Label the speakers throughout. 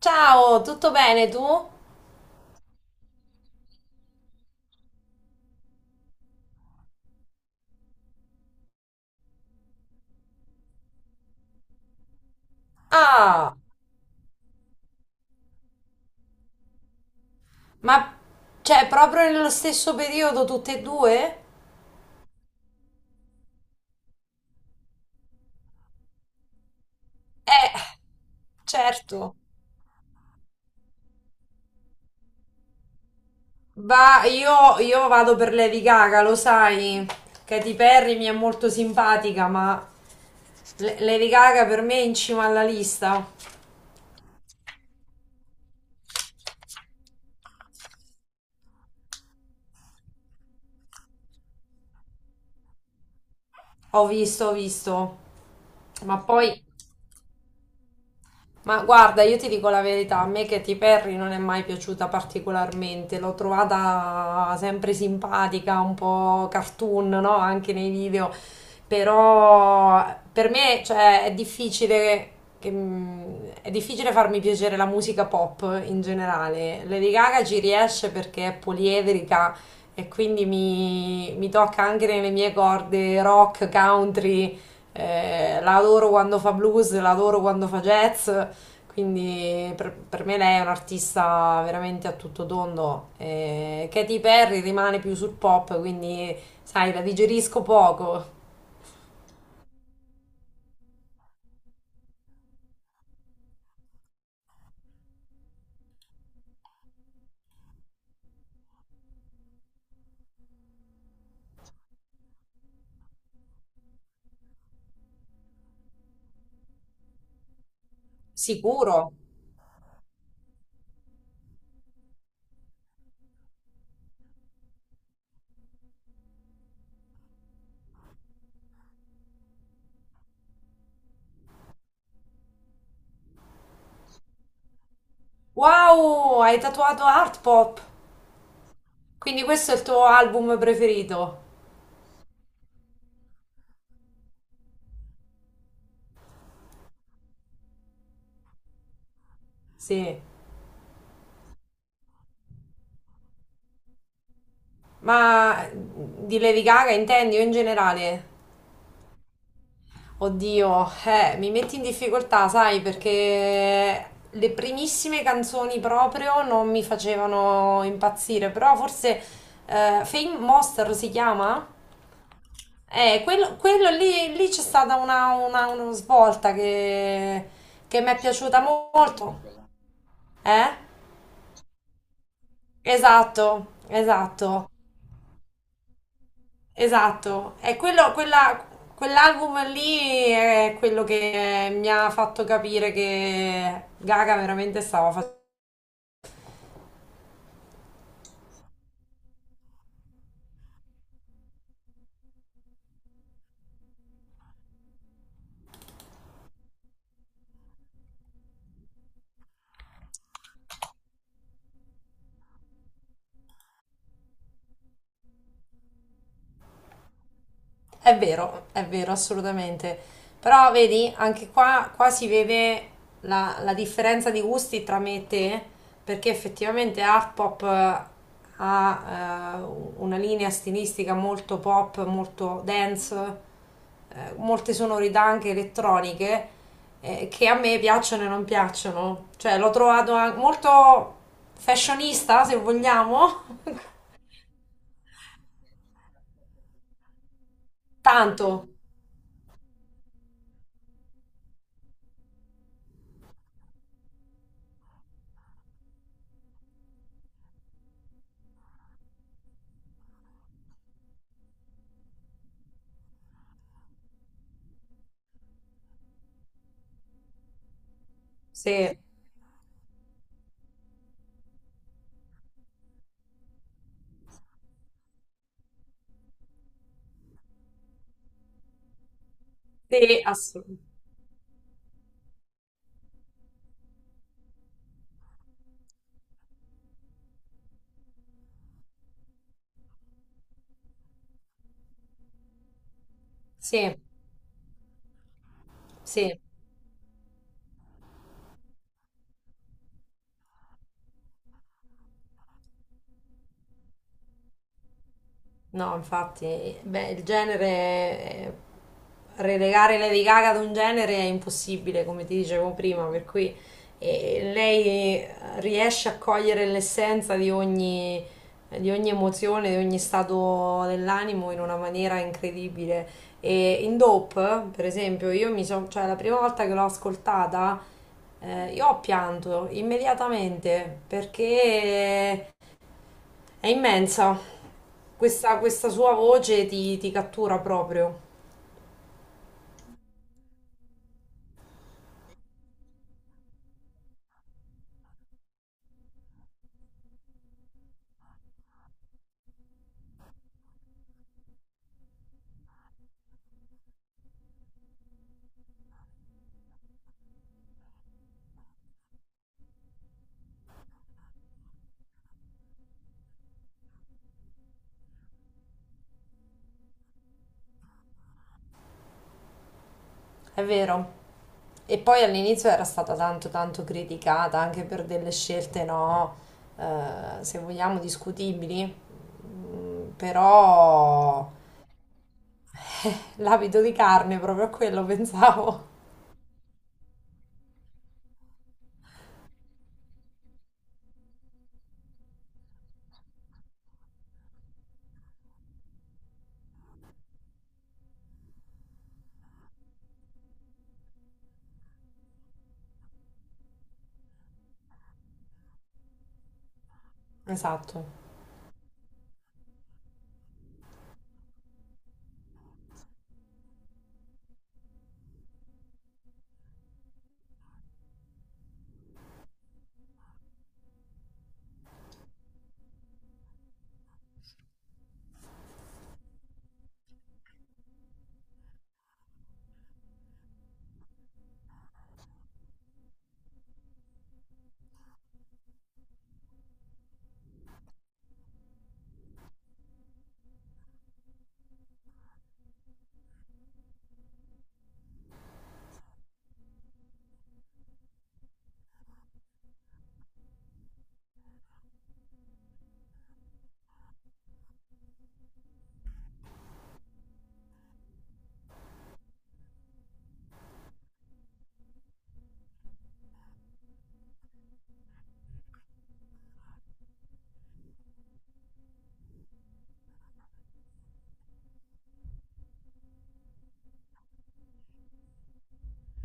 Speaker 1: Ciao, tutto bene tu? Ah, ma cioè proprio nello stesso periodo tutte e due? Eh, certo. Va, io vado per Lady Gaga, lo sai. Katy Perry mi è molto simpatica, ma Lady Gaga per me è in cima alla lista. Ho visto, ho visto. Ma poi Ma guarda, io ti dico la verità, a me Katy Perry non è mai piaciuta particolarmente, l'ho trovata sempre simpatica, un po' cartoon, no? Anche nei video, però per me, cioè, è difficile, che- mm, è difficile farmi piacere la musica pop in generale. Lady Gaga ci riesce perché è poliedrica e quindi mi tocca anche nelle mie corde rock, country, la adoro quando fa blues, la adoro quando fa jazz. Quindi per me lei è un'artista veramente a tutto tondo. Katy Perry rimane più sul pop, quindi sai, la digerisco poco. Sicuro. Wow, hai tatuato Art Pop. Quindi questo è il tuo album preferito? Sì. Ma di Levi Gaga intendi o in generale? Oddio, mi metti in difficoltà, sai, perché le primissime canzoni proprio non mi facevano impazzire, però forse Fame Monster si chiama? Quello lì, lì c'è stata una svolta che mi è piaciuta molto. Eh? Esatto, esatto. Esatto, è quello, quell'album lì è quello che mi ha fatto capire che Gaga veramente stava... è vero, assolutamente. Però vedi, anche qua si vede la differenza di gusti tra me e te, perché effettivamente Art Pop ha una linea stilistica molto pop, molto dance, molte sonorità anche elettroniche, che a me piacciono e non piacciono. Cioè, l'ho trovato molto fashionista, se vogliamo. Tanto, sì, sì, assolutamente. Sì. Sì, no, infatti, beh, il genere, relegare Lady Gaga ad un genere è impossibile, come ti dicevo prima, per cui lei riesce a cogliere l'essenza di ogni emozione, di ogni stato dell'animo in una maniera incredibile. E in Dope, per esempio, io mi sono, cioè la prima volta che l'ho ascoltata, io ho pianto immediatamente perché... È immensa. Questa sua voce ti cattura proprio. È vero. E poi all'inizio era stata tanto tanto criticata anche per delle scelte, no, se vogliamo discutibili. Mm, però l'abito di carne proprio a quello pensavo. Esatto.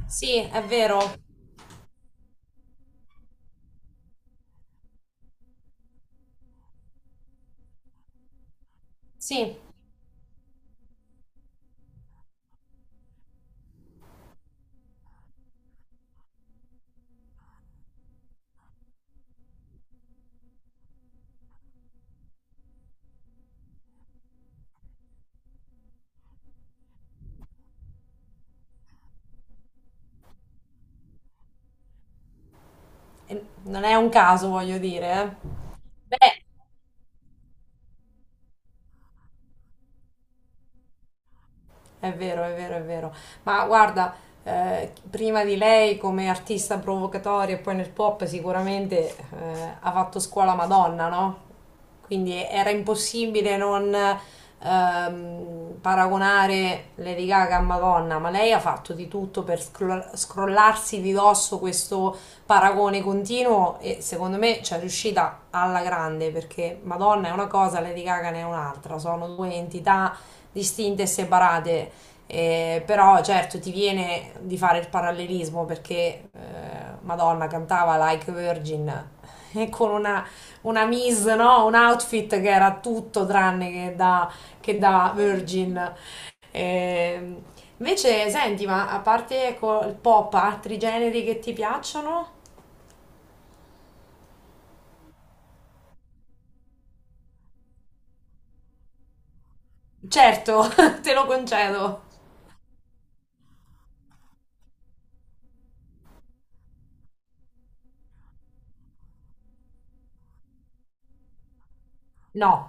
Speaker 1: Sì, è vero. Sì, e non è un caso, voglio dire. Eh. Beh, è vero, è vero, è vero. Ma guarda, prima di lei come artista provocatoria e poi nel pop sicuramente ha fatto scuola Madonna, no? Quindi era impossibile non paragonare Lady Gaga a Madonna, ma lei ha fatto di tutto per scrollarsi di dosso questo paragone continuo e secondo me ci è riuscita alla grande perché Madonna è una cosa, Lady Gaga ne è un'altra, sono due entità distinte e separate. Però certo ti viene di fare il parallelismo perché Madonna cantava Like a Virgin e con una mise, no? Un outfit che era tutto tranne che da Virgin. Eh, invece, senti, ma a parte ecco, il pop, altri generi che ti piacciono? Certo, te lo concedo. No,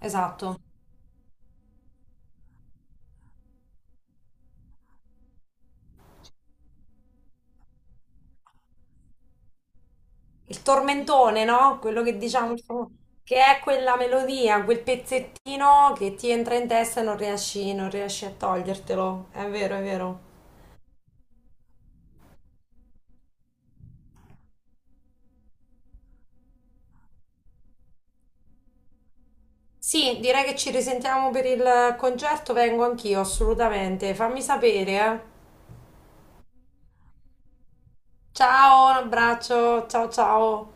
Speaker 1: esatto. Il tormentone, no? Quello che diciamo, il che è quella melodia, quel pezzettino che ti entra in testa e non riesci, non riesci a togliertelo. È vero, è vero. Sì, direi che ci risentiamo per il concerto, vengo anch'io, assolutamente. Fammi sapere, eh. Ciao, un abbraccio, ciao ciao.